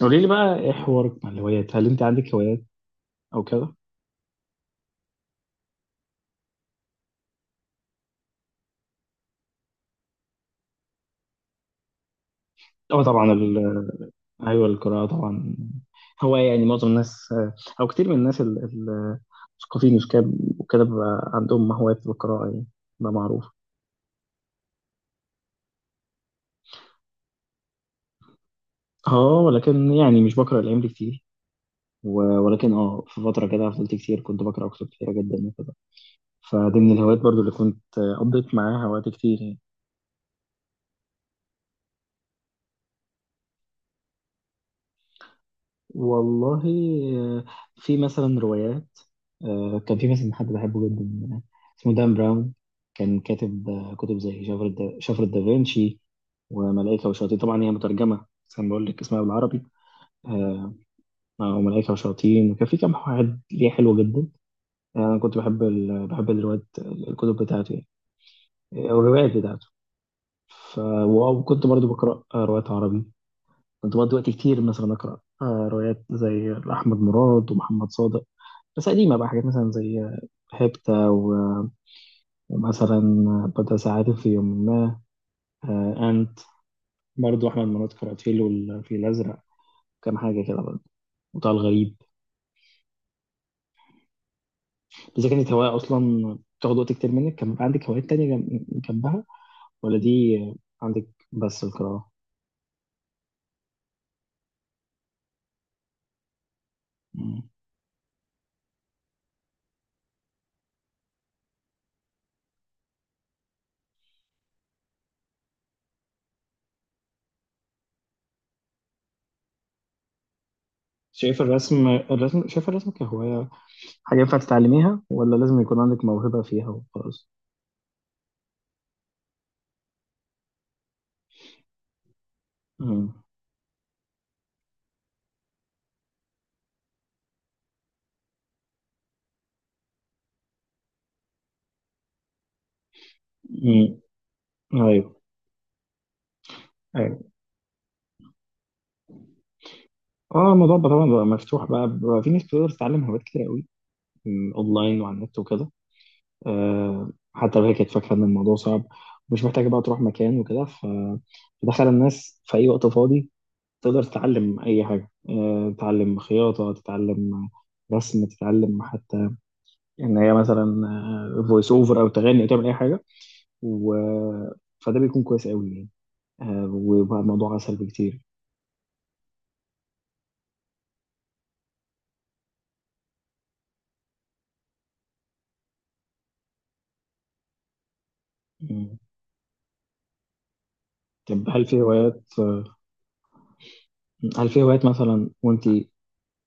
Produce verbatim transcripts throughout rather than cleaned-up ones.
قولي لي بقى ايه حوارك مع الهوايات؟ هل انت عندك هوايات او كده؟ اه طبعا ال... آه، ايوه القراءه طبعا. هو يعني معظم الناس، آه، او كتير من الناس ال- ال- المثقفين، مش كده؟ وكده بيبقى عندهم هوايات بالقراءه يعني، ده معروف. اه، ولكن يعني مش بقرا الايام دي كتير، و... ولكن اه في فتره كده فضلت كتير، كنت بقرا كتب كتيره جدا وكده، فدي من الهوايات برضو اللي كنت آه، قضيت معاها وقت كتير يعني. والله، آه، في مثلا روايات. آه، كان في مثلا حد بحبه جدا، آه، اسمه دان براون. كان كاتب، آه، كتب زي شفرة دا- شفرة دافنشي وملائكة وشياطين. طبعا هي مترجمة، بس أنا بقول لك اسمها بالعربي. آه، أو ملائكة وشياطين، وكان في كام حاجات ليه حلوة جدا. آه، أنا كنت بحب ال... بحب الروايات، الكتب بتاعته يعني، أو الروايات بتاعته. ف... وكنت برضو بقرأ آه، روايات عربي. كنت بقضي وقت كتير مثلا أقرأ آه، روايات زي أحمد مراد ومحمد صادق. بس قديمة بقى، حاجات مثلا زي هيبتا و- ومثلا بدر ساعات في يوم ما. آه، أنت برضه أحمد مراد، كاراتيل، والفيل الأزرق، كام حاجة كده برضه، وطه الغريب. إذا كانت هواية أصلا بتاخد وقت كتير منك، كان عندك هوايات تانية جم- جنبها، ولا دي عندك بس القراءة؟ مم. شايف الرسم الرسم شايف الرسم كهواية، حاجة ينفع تتعلميها ولا لازم يكون عندك موهبة فيها وخلاص؟ مم. مم. أيوه. اه، الموضوع بقى طبعا بقى مفتوح بقى, بقى, في ناس بتقدر تتعلم هوايات كتير قوي، م، اونلاين وعلى النت وكده، آه حتى لو هي كانت فاكره ان الموضوع صعب ومش محتاجه بقى تروح مكان وكده. ف- فدخل الناس في اي وقت فاضي تقدر تتعلم اي حاجه، آه تتعلم خياطه، تتعلم رسم، تتعلم حتى ان هي مثلا فويس اوفر، او تغني، او تعمل اي حاجه. و فده بيكون كويس قوي يعني. آه وبقى الموضوع اسهل بكتير. م. طب هل في هوايات، آه، هل في هوايات مثلا؟ وانت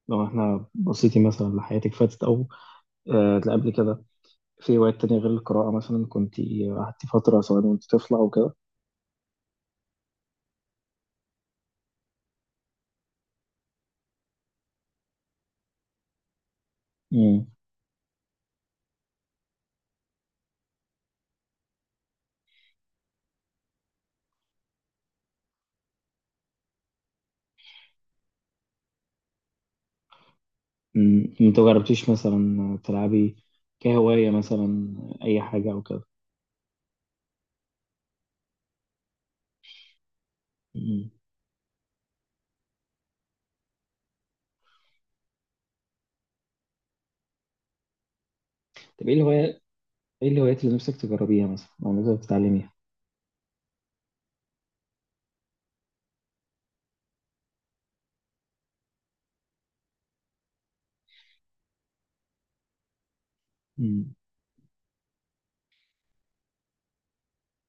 لو احنا بصيتي مثلا لحياتك فاتت، او آه قبل كده، في هوايات تانية غير القراءة مثلا كنت قعدتي فترة، سواء وانت طفلة او كده؟ مم. مم. انت مجربتيش مثلا تلعبي كهواية مثلا اي حاجة او كده؟ مم. طب ايه الهواية، ايه الهوايات اللي نفسك تجربيها مثلا، او نفسك تتعلميها؟ مم.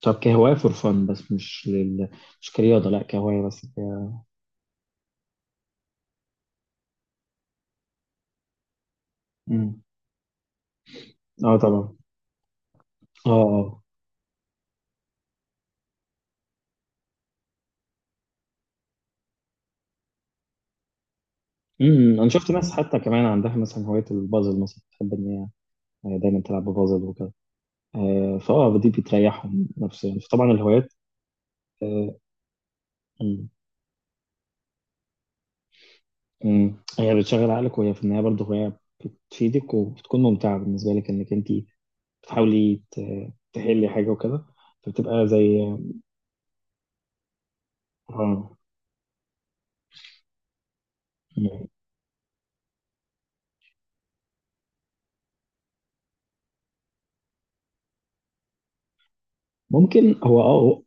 طب كهواية فور فن، بس مش لل... مش كرياضة، لا كهواية بس ك... مم. اه طبعا. اه اه. مم. انا شفت ناس حتى كمان عندها مثلا هواية البازل مثلا، تحب ان هي آه، دايما تلعب ببازل وكده، آه، فاه دي بتريحهم نفسيا، فطبعا الهوايات، آه، مم، مم، هي بتشغل عقلك، وهي في النهايه برضه هوايه بتفيدك وبتكون ممتعه بالنسبه لك، انك انت بتحاولي ت- تحلي حاجه وكده، فبتبقى زي اه مم. ممكن هو، اه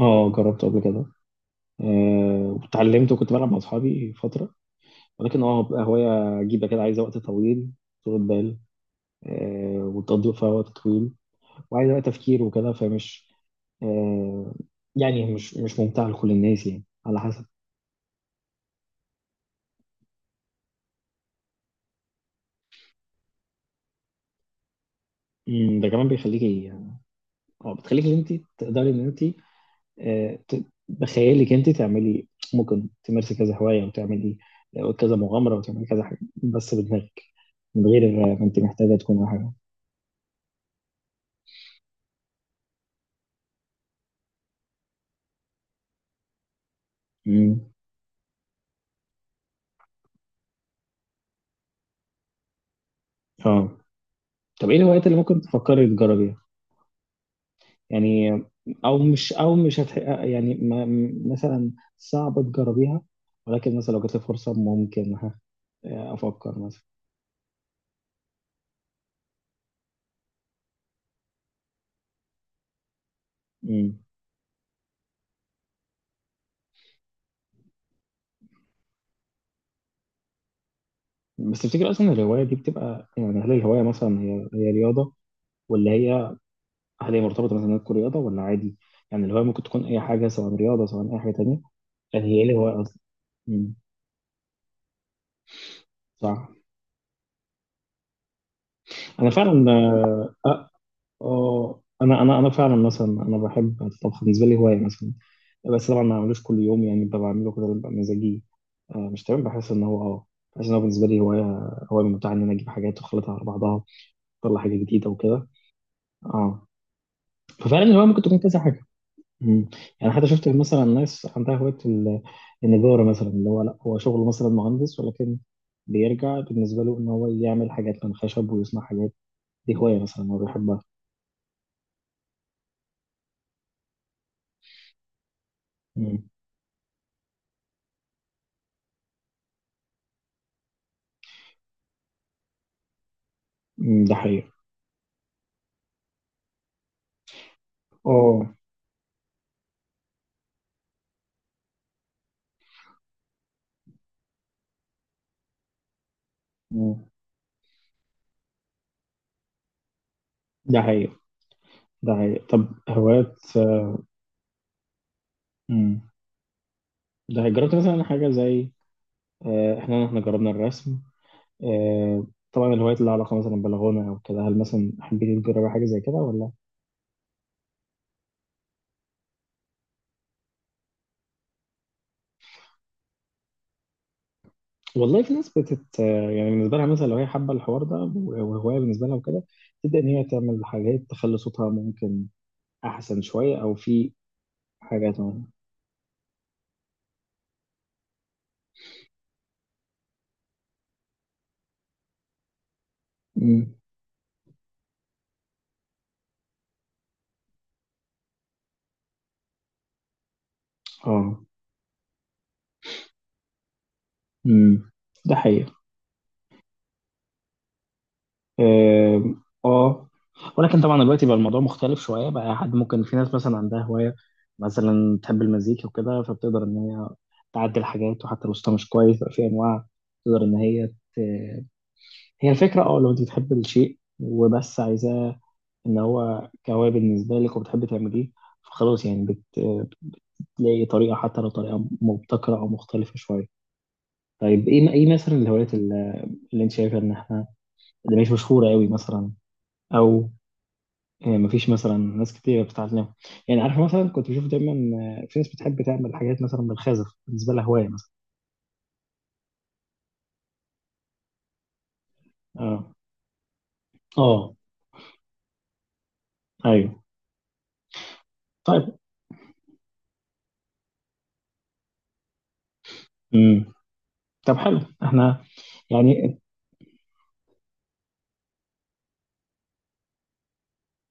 اه جربته قبل كده. آه، واتعلمت وكنت بلعب مع اصحابي فتره، ولكن اه بتبقى هوايه عجيبه كده، عايزه وقت طويل، طول بال، آه، وتقضي فيها وقت طويل، وعايز بقى تفكير وكده، فمش، آه يعني مش مش ممتع لكل الناس يعني، على حسب. مم، ده كمان بيخليكي، اه بتخليكي ان انت تقدري، ان انت آه ت- بخيالك انت تعملي. ممكن تمارسي كذا هوايه وتعملي، آه، كذا مغامره، وتعملي كذا حاجه بس بدماغك، من غير ما انت محتاجه تكون حاجه. مم. اه. طب ايه الهوايات اللي ممكن تفكري تجربيها؟ يعني او مش او مش هتح... يعني ما م- مثلا صعب تجربيها، ولكن مثلا لو جات لي فرصه ممكن ها افكر مثلا. مم. بس تفتكر اصلا الهوايه دي بتبقى يعني، هل الهوايه مثلا هي هي رياضه ولا هي، هل هي مرتبطه مثلا إنها تكون رياضه، ولا عادي؟ يعني الهوايه ممكن تكون اي حاجه، سواء رياضه سواء اي حاجه تانيه، يعني هي ايه الهوايه اصلا؟ مم. صح. انا فعلا، آه آه، انا انا انا فعلا مثلا، انا بحب الطبخ بالنسبه لي هوايه مثلا. بس طبعا ما بعملوش كل يوم، يعني ببقى بعمله كده، ببقى مزاجي، آه، مش تمام. بحس ان هو اه بحس ان هو بالنسبه لي هوايه، هوايه ممتعه ان انا اجيب حاجات واخلطها على بعضها، اطلع حاجه جديده وكده. اه، ففعلا الهوايه ممكن تكون كذا حاجه. مم. يعني حتى شفت مثلا ناس عندها هوايه ال- النجاره مثلا، اللي هو لا هو شغله مثلا مهندس، ولكن بيرجع بالنسبه له ان هو يعمل حاجات من خشب ويصنع حاجات، دي هوايه مثلا هو بيحبها. مم. مم، ده حقيقي. اه. مم. ده حقيقي. ده حقيقي. طب هوايات، آه، مم. ده جربت مثلا حاجة زي، آه، احنا احنا جربنا الرسم. آه، طبعا الهوايات اللي لها علاقة مثلا بالغنى او كده، هل مثلا حبيتي تجربي حاجة زي كده ولا؟ والله في ناس بتت، آه، يعني بالنسبة لها مثلا لو هي حابة الحوار ده، وهواية بالنسبة لها وكده، تبدأ ان هي تعمل حاجات تخلي صوتها ممكن احسن شوية، او في حاجات اه مم. آه. مم. ده حقيقي. اه. آه. ولكن طبعا دلوقتي بقى الموضوع مختلف شويه بقى، حد ممكن، في ناس مثلا عندها هوايه مثلا تحب المزيكا وكده، فبتقدر ان هي تعدل حاجات، وحتى لو صوتها مش كويس بقى، في انواع تقدر ان هي ت... هي الفكره، اه لو انت بتحب الشيء وبس عايزاه ان هو كهوايه بالنسبه لك، وبتحبي تعمليه، فخلاص يعني بت... بتلاقي طريقه، حتى لو طريقه مبتكره او مختلفه شويه. طيب، ايه ايه مثلا الهوايات اللي، اللي انت شايفه ان احنا، اللي مش مشهوره قوي مثلا، او يعني مفيش مثلا ناس كتير بتتعلمها، يعني عارف مثلا كنت بشوف دايما، آه، في ناس بتحب تعمل حاجات مثلا بالخزف، بالنسبه لها هوايه مثلا. اه. اه. ايوه. طيب. امم طب حلو، احنا يعني،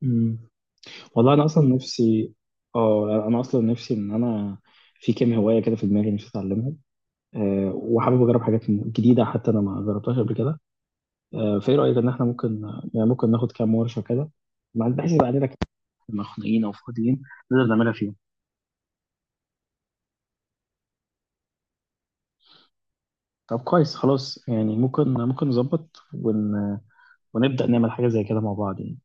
امم والله انا اصلا نفسي، اه انا اصلا نفسي، ان انا في كام هوايه كده في دماغي نفسي اتعلمهم. أه، وحابب اجرب حاجات جديده حتى انا ما جربتهاش قبل كده. أه، فايه رايك ان احنا ممكن يعني ممكن ناخد كام ورشه كده، مع- بحيث يبقى عندنا كده، مخنوقين او فاضيين نقدر نعملها فيهم. طب كويس خلاص، يعني ممكن ممكن نظبط ون... ونبدأ نعمل حاجة زي كده مع بعض يعني.